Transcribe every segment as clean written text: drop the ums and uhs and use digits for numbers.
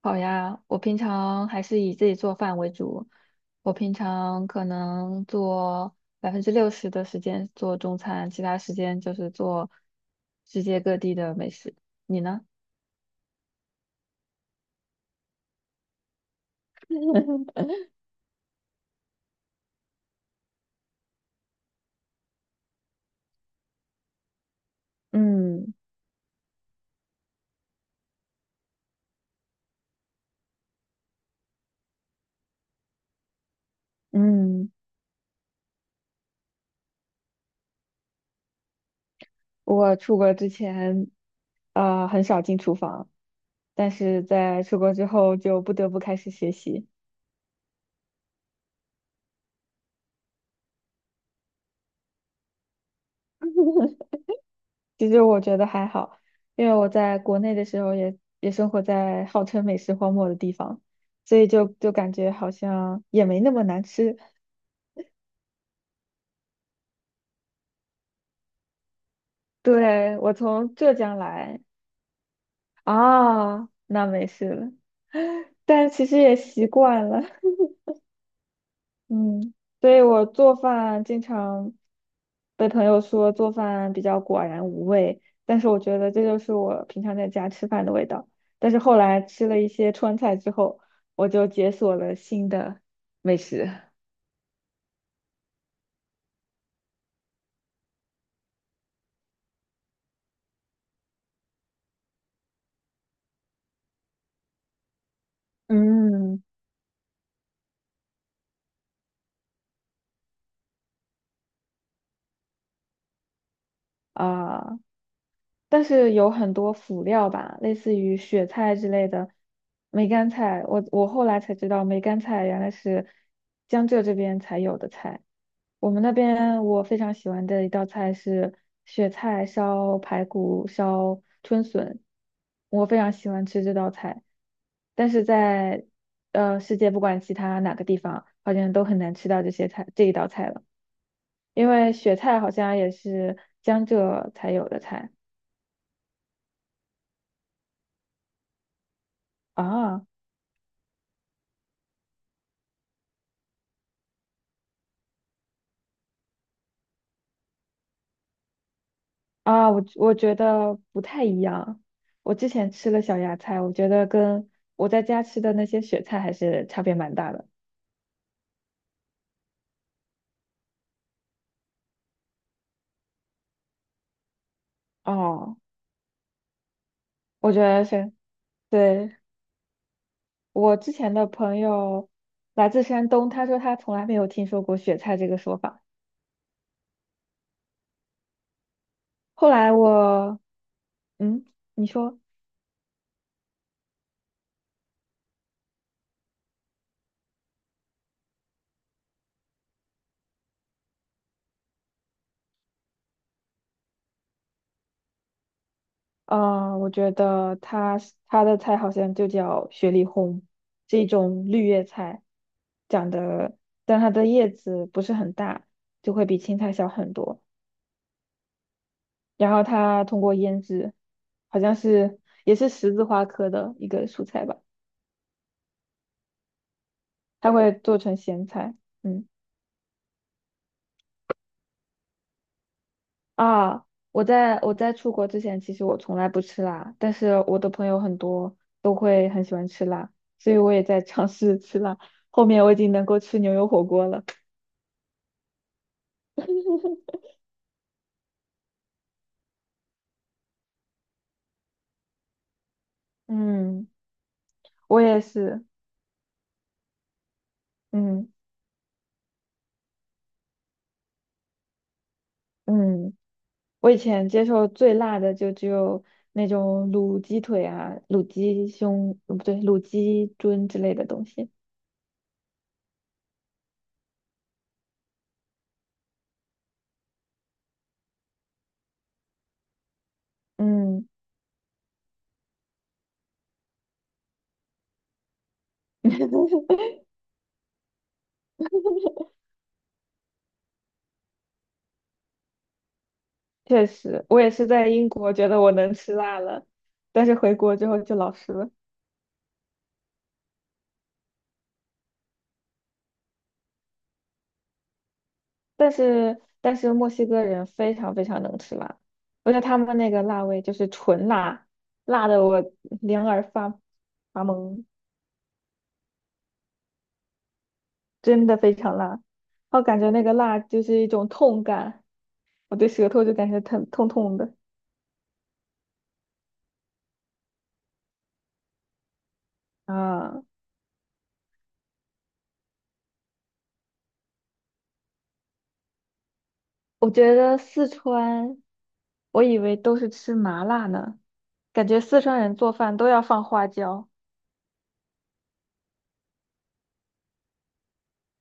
好呀，我平常还是以自己做饭为主。我平常可能做60%的时间做中餐，其他时间就是做世界各地的美食。你呢？嗯嗯，我出国之前，很少进厨房，但是在出国之后就不得不开始学习。其实我觉得还好，因为我在国内的时候也生活在号称美食荒漠的地方，所以就感觉好像也没那么难吃。对，我从浙江来。啊，那没事了，但其实也习惯了。嗯，所以我做饭经常被朋友说做饭比较寡然无味，但是我觉得这就是我平常在家吃饭的味道。但是后来吃了一些川菜之后，我就解锁了新的美食。嗯。啊，但是有很多辅料吧，类似于雪菜之类的梅干菜，我后来才知道梅干菜原来是江浙这边才有的菜。我们那边我非常喜欢的一道菜是雪菜烧排骨烧春笋，我非常喜欢吃这道菜，但是在世界不管其他哪个地方，好像都很难吃到这些菜这一道菜了，因为雪菜好像也是江浙才有的菜。啊。啊，我觉得不太一样，我之前吃了小芽菜，我觉得跟我在家吃的那些雪菜还是差别蛮大的。哦。我觉得是。对，我之前的朋友来自山东，他说他从来没有听说过雪菜这个说法。后来我，嗯，你说，啊，我觉得他的菜好像就叫雪里红，这种绿叶菜，长得，但它的叶子不是很大，就会比青菜小很多。然后它通过腌制，好像是也是十字花科的一个蔬菜吧，它会做成咸菜。嗯。啊，我在出国之前，其实我从来不吃辣，但是我的朋友很多都会很喜欢吃辣，所以我也在尝试吃辣。后面我已经能够吃牛油火锅了。嗯，我也是。嗯嗯，我以前接受最辣的就只有那种卤鸡腿啊、卤鸡胸，不对，卤鸡胗之类的东西。嗯，确实，我也是在英国觉得我能吃辣了，但是回国之后就老实了。但是墨西哥人非常非常能吃辣，而且他们那个辣味就是纯辣，辣的我两耳发懵，真的非常辣。我感觉那个辣就是一种痛感，我的舌头就感觉疼痛痛的。啊。我觉得四川，我以为都是吃麻辣呢，感觉四川人做饭都要放花椒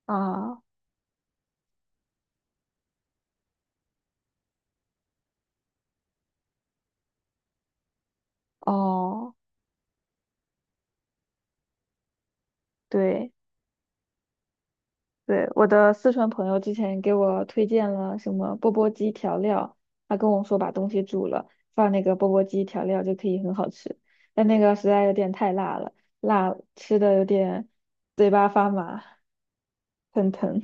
啊。哦，对。对，我的四川朋友之前给我推荐了什么钵钵鸡调料，他跟我说把东西煮了，放那个钵钵鸡调料就可以很好吃，但那个实在有点太辣了，辣吃的有点嘴巴发麻，很疼。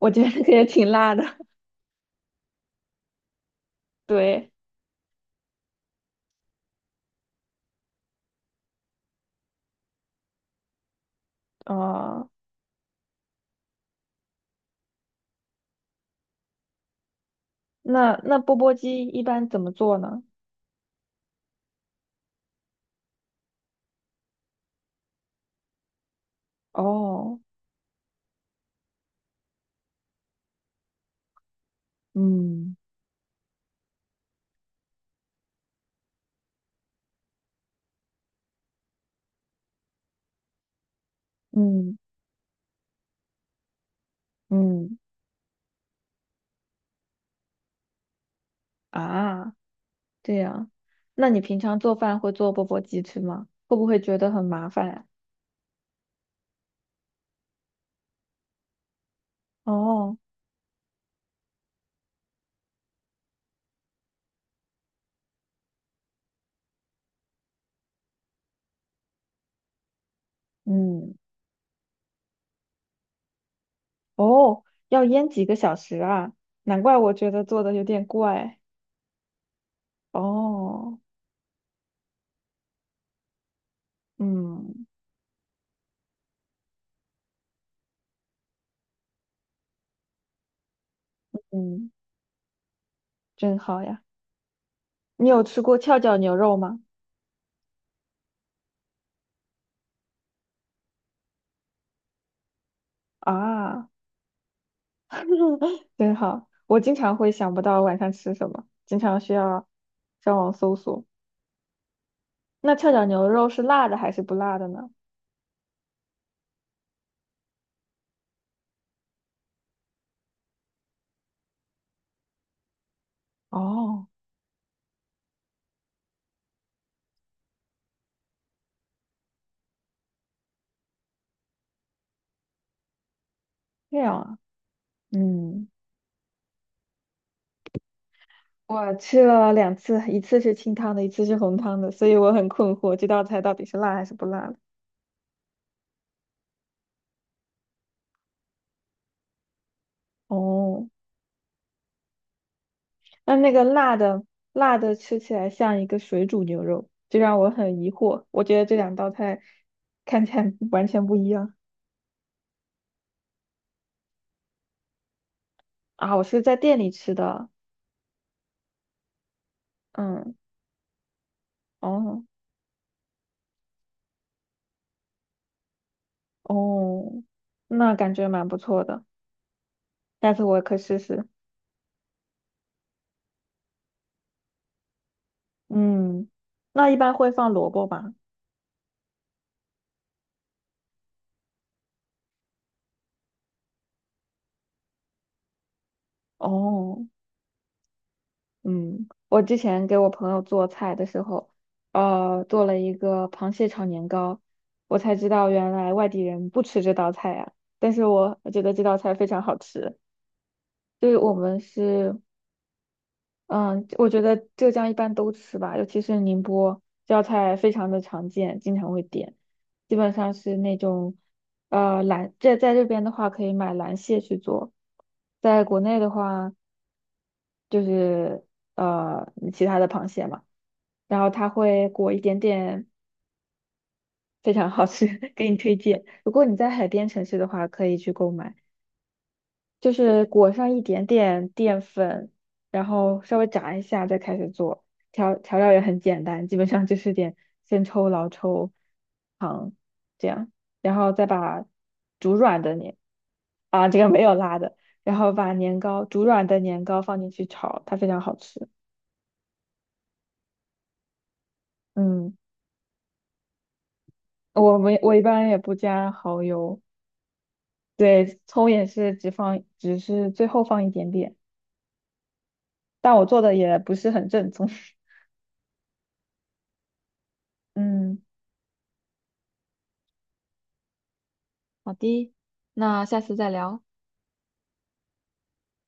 我觉得那个也挺辣的。对。哦、那钵钵鸡一般怎么做呢？哦。嗯嗯嗯。啊，这样，那你平常做饭会做钵钵鸡吃吗？会不会觉得很麻烦呀？哦。嗯。哦，要腌几个小时啊？难怪我觉得做的有点怪。哦。嗯嗯，真好呀。你有吃过翘脚牛肉吗？啊，真好。我经常会想不到晚上吃什么，经常需要上网搜索。那翘脚牛肉是辣的还是不辣的呢？哦，这样啊，嗯。我吃了两次，一次是清汤的，一次是红汤的，所以我很困惑，这道菜到底是辣还是不辣的。哦，那个辣的吃起来像一个水煮牛肉，这让我很疑惑。我觉得这两道菜看起来 完全不一样。啊！我是在店里吃的，嗯。哦哦，那感觉蛮不错的，下次我可试试。嗯，那一般会放萝卜吧？哦。嗯，我之前给我朋友做菜的时候，做了一个螃蟹炒年糕，我才知道原来外地人不吃这道菜呀。但是我觉得这道菜非常好吃，就是我们是，嗯，我觉得浙江一般都吃吧，尤其是宁波，这道菜非常的常见，经常会点。基本上是那种，这在这边的话可以买蓝蟹去做，在国内的话。就是其他的螃蟹嘛，然后它会裹一点点，非常好吃，给你推荐。如果你在海边城市的话，可以去购买，就是裹上一点点淀粉，然后稍微炸一下再开始做，调调料也很简单，基本上就是点生抽、老抽、糖这样，然后再把煮软的年啊这个没有辣的，然后把年糕煮软的年糕放进去炒，它非常好吃。嗯。我没，我一般也不加蚝油，对，葱也是只放，只是最后放一点点，但我做的也不是很正宗。嗯，好的，那下次再聊。